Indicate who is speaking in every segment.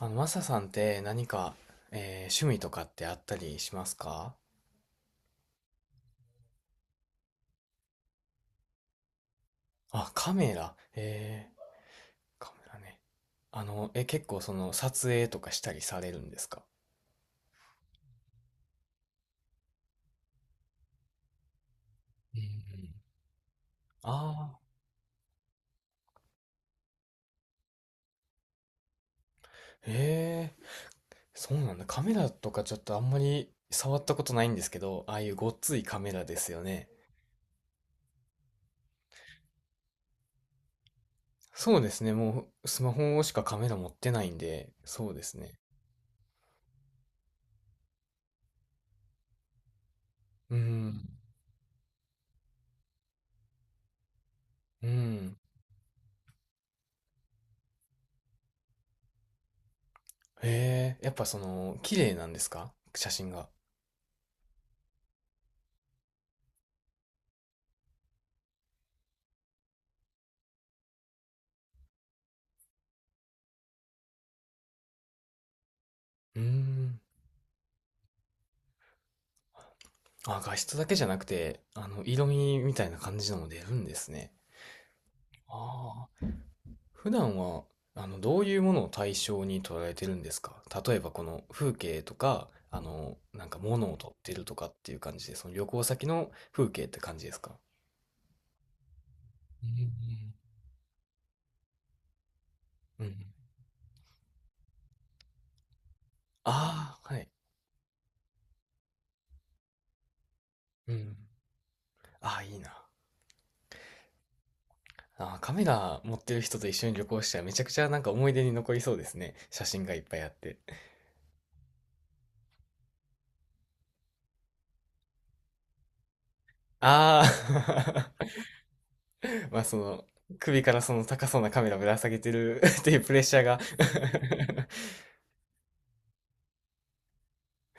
Speaker 1: マサさんって何か、趣味とかってあったりしますか？あ、カメラ。カメラね。結構その撮影とかしたりされるんですか？うん、うん、ああ、ええ、そうなんだ。カメラとかちょっとあんまり触ったことないんですけど、ああいうごっついカメラですよね。そうですね。もうスマホしかカメラ持ってないんで、そうですね。うん、うん。ええ、やっぱその、綺麗なんですか、写真が？うん。あ、画質だけじゃなくて、色味みたいな感じのも出るんですね。ああ。普段は、どういうものを対象に捉えてるんですか？例えばこの風景とか、なんか物を撮ってるとかっていう感じで、その旅行先の風景って感じですか？うん、うん。ああ、はい。うん。ああ、いいな。ああ、カメラ持ってる人と一緒に旅行したらめちゃくちゃなんか思い出に残りそうですね。写真がいっぱいあって。ああ。 まあその、首からその高そうなカメラぶら下げてる っていうプレッシャーが。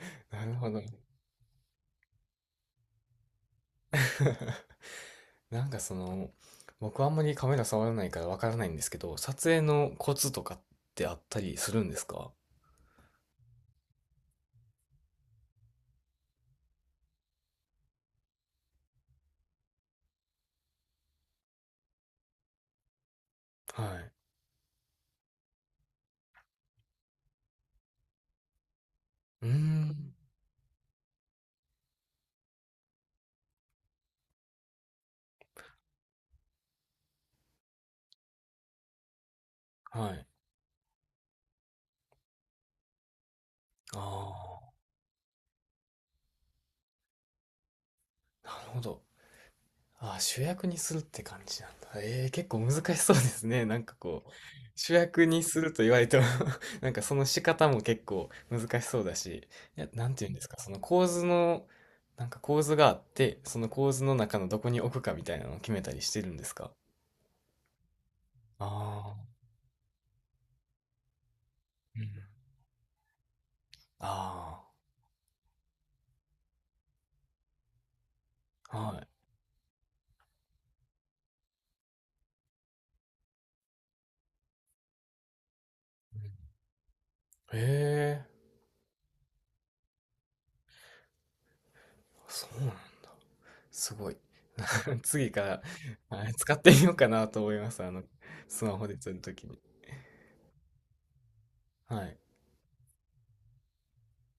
Speaker 1: なるほど。なんかその、僕あんまりカメラ触らないからわからないんですけど、撮影のコツとかってあったりするんですか？はい。うーん。はい。ああ、なるほど。ああ、主役にするって感じなんだ。ええ、結構難しそうですね。なんかこう、主役にすると言われても。 なんかその仕方も結構難しそうだし、いや、なんて言うんですか、その構図の、なんか構図があって、その構図の中のどこに置くかみたいなのを決めたりしてるんですか？ああ、うん。ああ、はい。ええ、そうなんだ。すごい。次から、はい、使ってみようかなと思います。スマホで撮るときに。はい。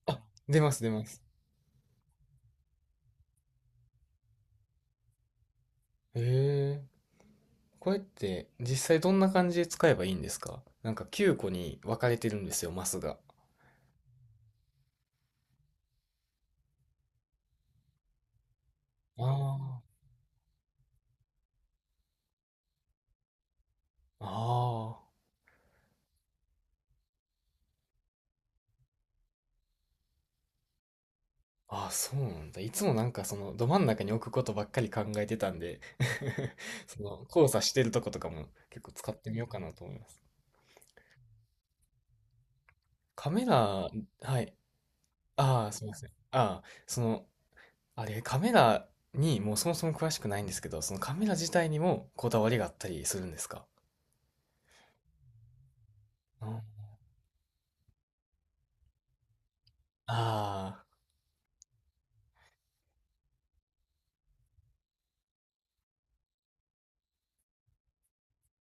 Speaker 1: あ、出ます、出ます。へえ。これって実際どんな感じで使えばいいんですか？なんか9個に分かれてるんですよ、マスが。ああ、ああ。あ、そうなんだ。いつもなんかそのど真ん中に置くことばっかり考えてたんで、 その交差してるとことかも結構使ってみようかなと思います。カメラ、はい。ああ、すみません。ああ、その、あれ、カメラにもうそもそも詳しくないんですけど、そのカメラ自体にもこだわりがあったりするんですか？うん、ああ、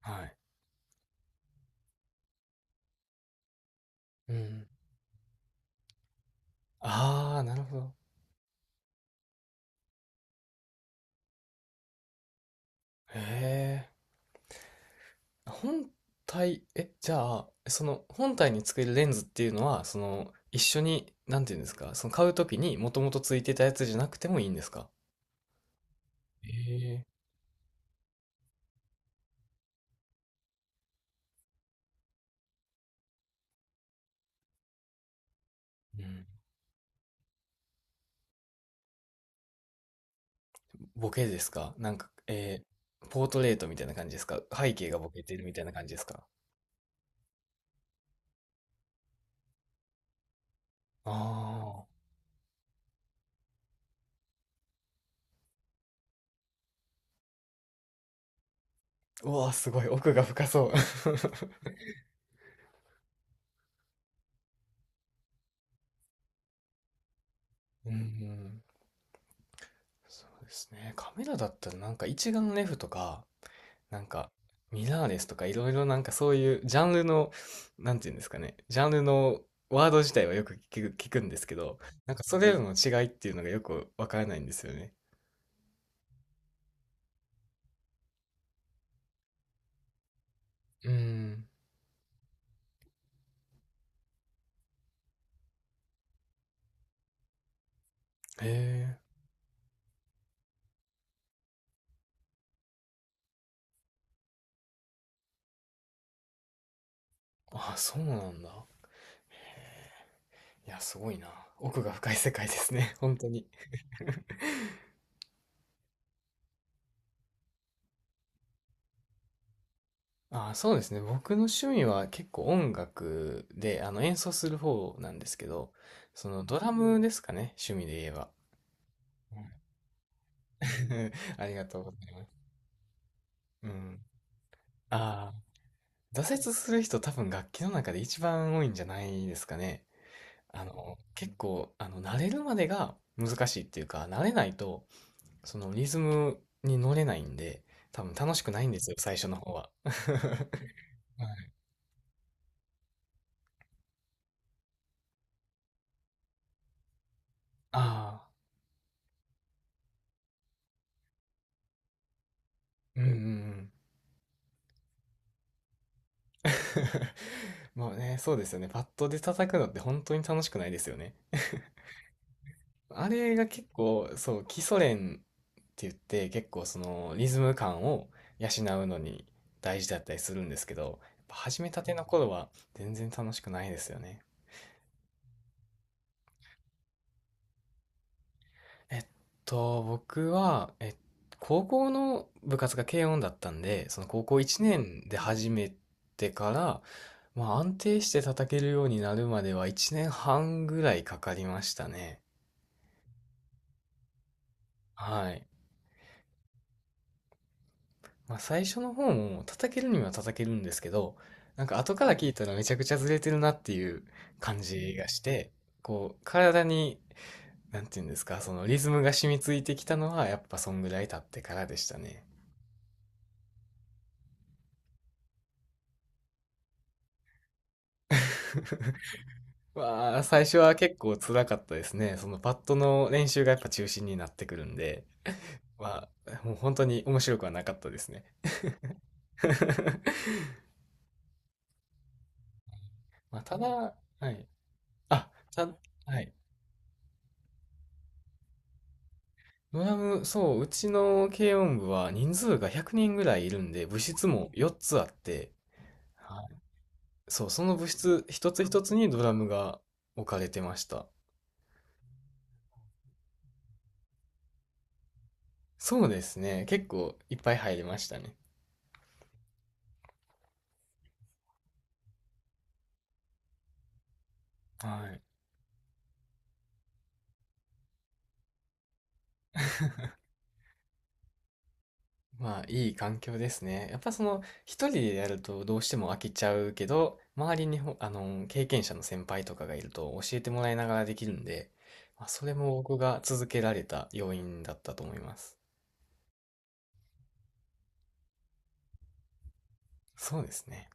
Speaker 1: はい。うん。ああ、なるほど。へえ。本体、じゃあ、その本体につけるレンズっていうのは、その一緒に、なんていうんですか、その買うときにもともとついてたやつじゃなくてもいいんですか？ええ。うん。ボケですか？なんか、ポートレートみたいな感じですか、背景がボケてるみたいな感じですか？ああ、うわ、すごい。奥が深そう。うん、うん。そうですね。カメラだったらなんか一眼レフとか、なんか、ミラーレスとかいろいろなんかそういうジャンルの、なんていうんですかね、ジャンルのワード自体はよく聞くんですけど、なんかそれらの違いっていうのがよくわからないんですよね。うーん。へえ。あ、そうなんだ。いや、すごいな。奥が深い世界ですね。本当に。あ、そうですね。僕の趣味は結構音楽で、演奏する方なんですけど、そのドラムですかね。趣味で言えば。ありがとうございます。うん。ああ。挫折する人、多分楽器の中で一番多いんじゃないですかね。結構、慣れるまでが難しいっていうか、慣れないと、そのリズムに乗れないんで、多分楽しくないんですよ、最初の方は。はい、ああ、うん、うん、うん。もうね、そうですよね。パッドで叩くのって本当に楽しくないですよね。あれが結構、そう、基礎練って言って、結構そのリズム感を養うのに大事だったりするんですけど、やっぱ始めたての頃は全然楽しくないですよね。えっ僕は、高校の部活が軽音だったんで、その高校1年で始めてから、まあ安定して叩けるようになるまでは1年半ぐらいかかりましたね。はい。まあ、最初の方も叩けるには叩けるんですけど、なんか後から聞いたらめちゃくちゃずれてるなっていう感じがして、こう、体に、なんていうんですか、そのリズムが染みついてきたのはやっぱそんぐらい経ってからでしたね。わあ、最初は結構辛かったですね。そのパッドの練習がやっぱ中心になってくるんで、まあ、もう本当に面白くはなかったですね。まあ、ただ、はい。あ、た、はい。ドラム、そう、うちの軽音部は人数が100人ぐらいいるんで、部室も4つあって、はい、そう、その部室一つ一つにドラムが置かれてました。そうですね、結構いっぱい入りましたね。はい。まあ、いい環境ですね。やっぱその、一人でやるとどうしても飽きちゃうけど、周りにほ、あの、経験者の先輩とかがいると教えてもらいながらできるんで、まあ、それも僕が続けられた要因だったと思います。そうですね。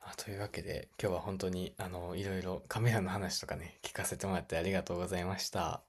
Speaker 1: あ、というわけで、今日は本当に、いろいろカメラの話とかね、聞かせてもらってありがとうございました。